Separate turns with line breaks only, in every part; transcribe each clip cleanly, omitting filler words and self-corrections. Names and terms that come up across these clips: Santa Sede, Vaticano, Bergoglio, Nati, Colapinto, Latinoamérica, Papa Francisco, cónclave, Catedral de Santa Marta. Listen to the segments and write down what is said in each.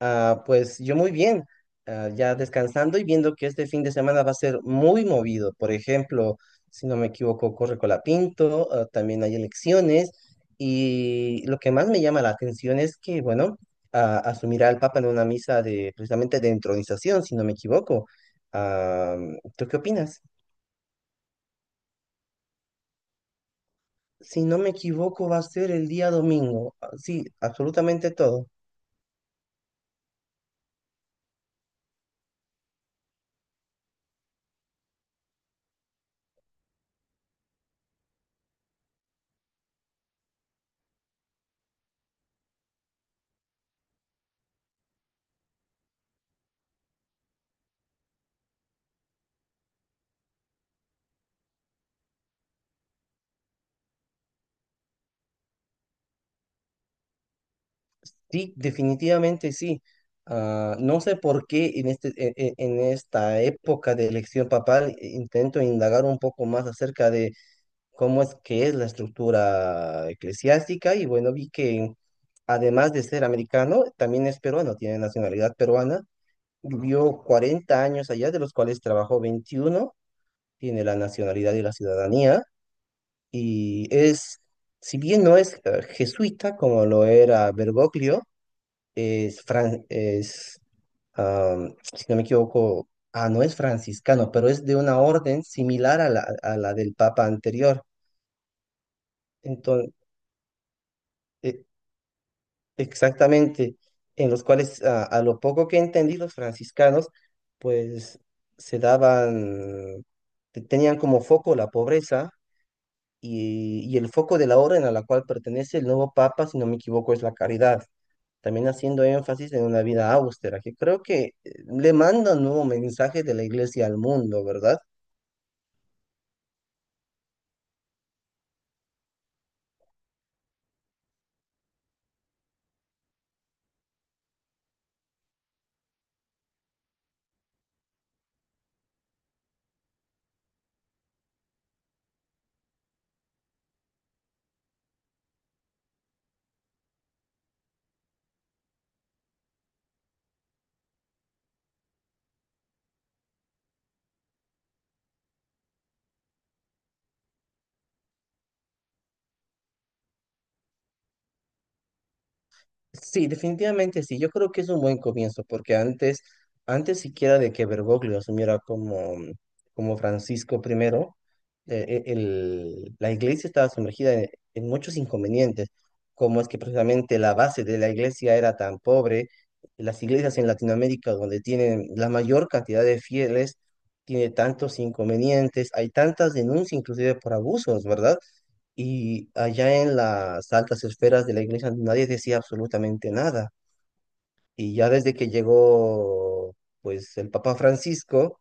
Pues yo muy bien, ya descansando y viendo que este fin de semana va a ser muy movido. Por ejemplo, si no me equivoco, corre Colapinto. Ah, también hay elecciones y lo que más me llama la atención es que, bueno, asumirá el Papa en una misa de precisamente de entronización, si no me equivoco. Ah, ¿Tú qué opinas? Si no me equivoco, va a ser el día domingo. Ah, sí, absolutamente todo. Sí, definitivamente sí. No sé por qué en esta época de elección papal, intento indagar un poco más acerca de cómo es que es la estructura eclesiástica y bueno, vi que además de ser americano, también es peruano, tiene nacionalidad peruana. Vivió 40 años allá, de los cuales trabajó 21, tiene la nacionalidad y la ciudadanía y es, si bien no es jesuita como lo era Bergoglio, es, fran- es am, si no me equivoco, no es franciscano, pero es de una orden similar a la del Papa anterior. Entonces, e- exactamente, en los cuales, a lo poco que entendí, los franciscanos, pues se daban, tenían como foco la pobreza y el foco de la orden a la cual pertenece el nuevo Papa, si no me equivoco, es la caridad. También haciendo énfasis en una vida austera, que creo que le manda un nuevo mensaje de la iglesia al mundo, ¿verdad? Sí, definitivamente sí. Yo creo que es un buen comienzo, porque antes, antes siquiera de que Bergoglio asumiera como, como Francisco primero, la iglesia estaba sumergida en muchos inconvenientes, como es que precisamente la base de la iglesia era tan pobre. Las iglesias en Latinoamérica, donde tienen la mayor cantidad de fieles, tiene tantos inconvenientes, hay tantas denuncias inclusive por abusos, ¿verdad? Y allá en las altas esferas de la iglesia nadie decía absolutamente nada. Y ya desde que llegó, pues, el Papa Francisco,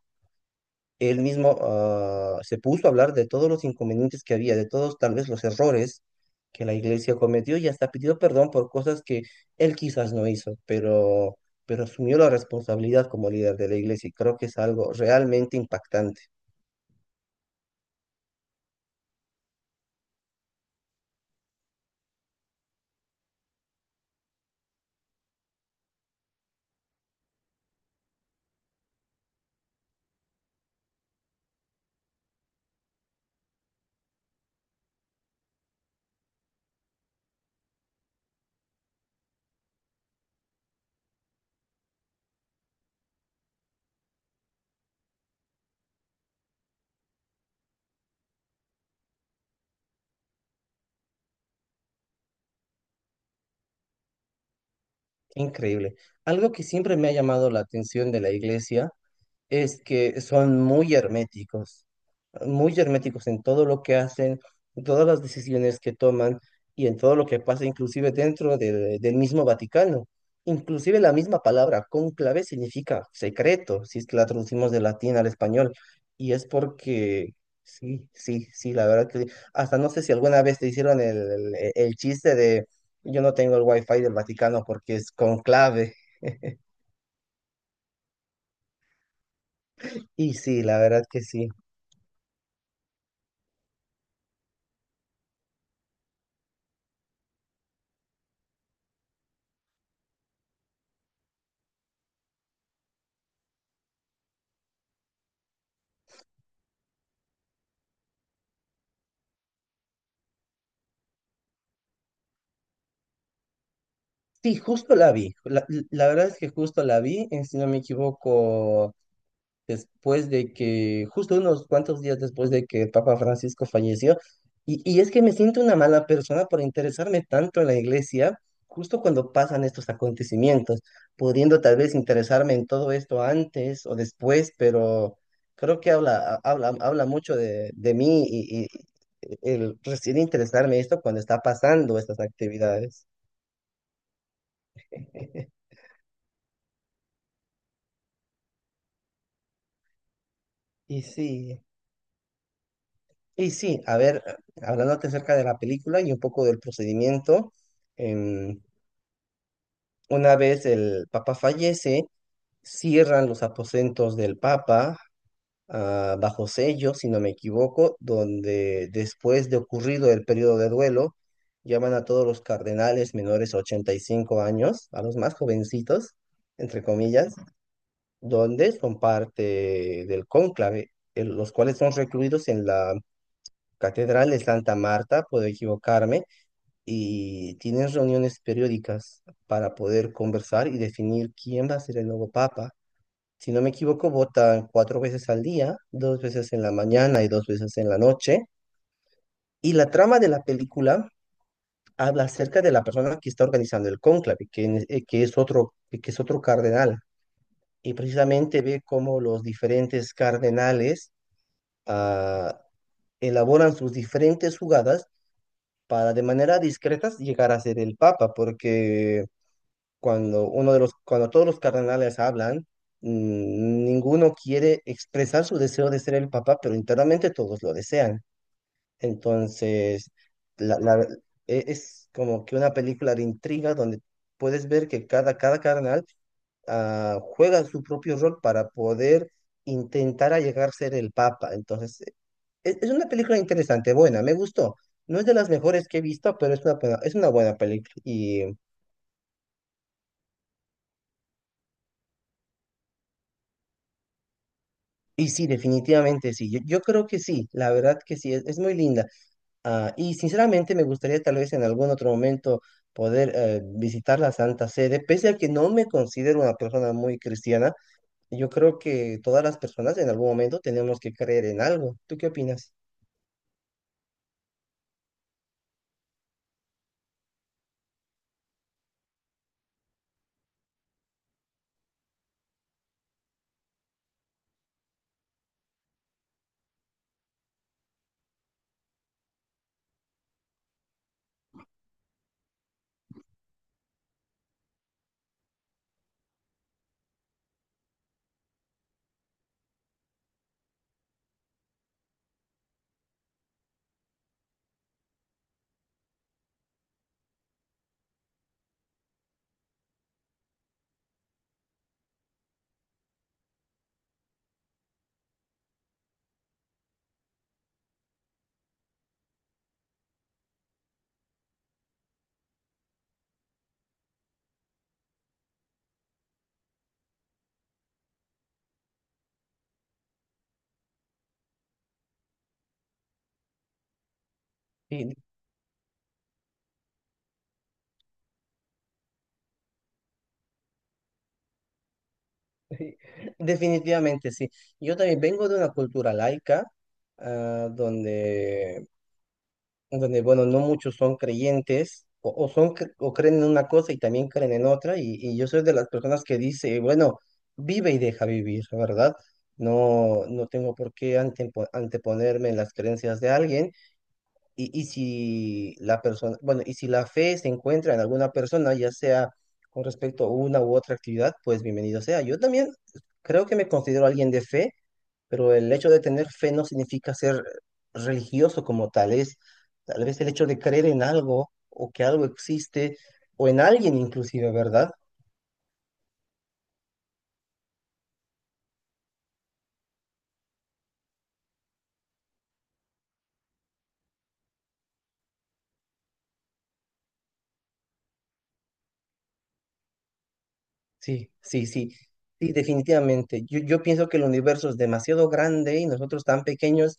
él mismo, se puso a hablar de todos los inconvenientes que había, de todos tal vez los errores que la iglesia cometió y hasta pidió perdón por cosas que él quizás no hizo, pero asumió la responsabilidad como líder de la iglesia y creo que es algo realmente impactante, increíble. Algo que siempre me ha llamado la atención de la iglesia es que son muy herméticos en todo lo que hacen, en todas las decisiones que toman y en todo lo que pasa, inclusive dentro del mismo Vaticano. Inclusive la misma palabra cónclave significa secreto, si es que la traducimos del latín al español. Y es porque, sí, sí, sí, la verdad que sí. Hasta no sé si alguna vez te hicieron el chiste de yo no tengo el wifi del Vaticano porque es conclave. Y sí, la verdad que sí. Sí, justo la vi. La verdad es que justo la vi, si no me equivoco, después de que, justo unos cuantos días después de que el Papa Francisco falleció. Y es que me siento una mala persona por interesarme tanto en la iglesia, justo cuando pasan estos acontecimientos, pudiendo tal vez interesarme en todo esto antes o después, pero creo que habla mucho de mí y el recién interesarme esto cuando está pasando estas actividades. Y sí. Y sí, a ver, hablándote acerca de la película y un poco del procedimiento, em, una vez el Papa fallece, cierran los aposentos del Papa bajo sello, si no me equivoco, donde después de ocurrido el periodo de duelo, llaman a todos los cardenales menores a 85 años, a los más jovencitos, entre comillas, donde son parte del cónclave, los cuales son recluidos en la Catedral de Santa Marta, puedo equivocarme, y tienen reuniones periódicas para poder conversar y definir quién va a ser el nuevo papa. Si no me equivoco, votan cuatro veces al día, dos veces en la mañana y dos veces en la noche. Y la trama de la película habla acerca de la persona que está organizando el cónclave, que es otro cardenal. Y precisamente ve cómo los diferentes cardenales ah, elaboran sus diferentes jugadas para de manera discreta llegar a ser el papa, porque cuando todos los cardenales hablan, ninguno quiere expresar su deseo de ser el papa, pero internamente todos lo desean. Entonces, la, la- es como que una película de intriga donde puedes ver que cada cardenal juega su propio rol para poder intentar a llegar a ser el Papa. Entonces, es una película interesante, buena, me gustó. No es de las mejores que he visto, pero es una buena película. Y sí, definitivamente sí. Yo creo que sí, la verdad que sí, es muy linda. Y sinceramente me gustaría tal vez en algún otro momento poder visitar la Santa Sede, pese a que no me considero una persona muy cristiana. Yo creo que todas las personas en algún momento tenemos que creer en algo. ¿Tú qué opinas? Sí, definitivamente sí. Yo también vengo de una cultura laica, ah, donde donde, bueno, no muchos son creyentes o creen en una cosa y también creen en otra. Y yo soy de las personas que dice, bueno, vive y deja vivir, ¿verdad? No tengo por qué anteponerme en las creencias de alguien. Y si la persona, bueno, y si la fe se encuentra en alguna persona, ya sea con respecto a una u otra actividad, pues bienvenido sea. Yo también creo que me considero alguien de fe, pero el hecho de tener fe no significa ser religioso como tal, es tal vez el hecho de creer en algo o que algo existe o en alguien inclusive, ¿verdad? Sí, sí, sí, sí, definitivamente. Yo pienso que el universo es demasiado grande y nosotros tan pequeños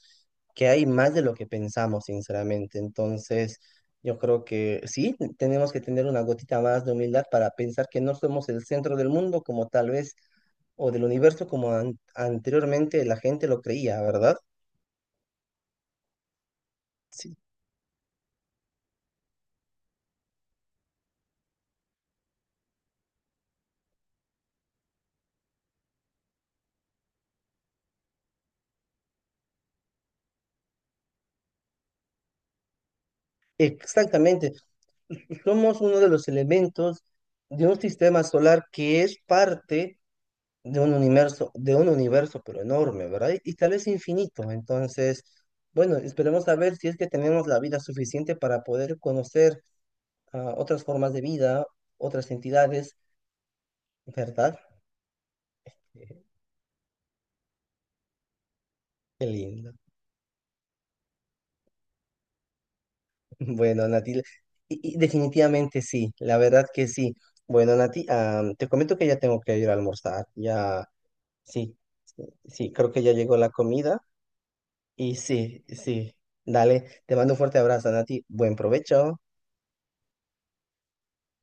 que hay más de lo que pensamos, sinceramente. Entonces, yo creo que sí, tenemos que tener una gotita más de humildad para pensar que no somos el centro del mundo como tal vez, o del universo como anteriormente la gente lo creía, ¿verdad? Sí, exactamente. Somos uno de los elementos de un sistema solar que es parte de un universo, pero enorme, ¿verdad? Y tal vez infinito. Entonces, bueno, esperemos a ver si es que tenemos la vida suficiente para poder conocer otras formas de vida, otras entidades, ¿verdad? Qué lindo. Bueno, Nati, y definitivamente sí, la verdad que sí. Bueno, Nati, te comento que ya tengo que ir a almorzar. Ya, sí, sí, creo que ya llegó la comida. Y sí, sí. Dale, te mando un fuerte abrazo, Nati. Buen provecho.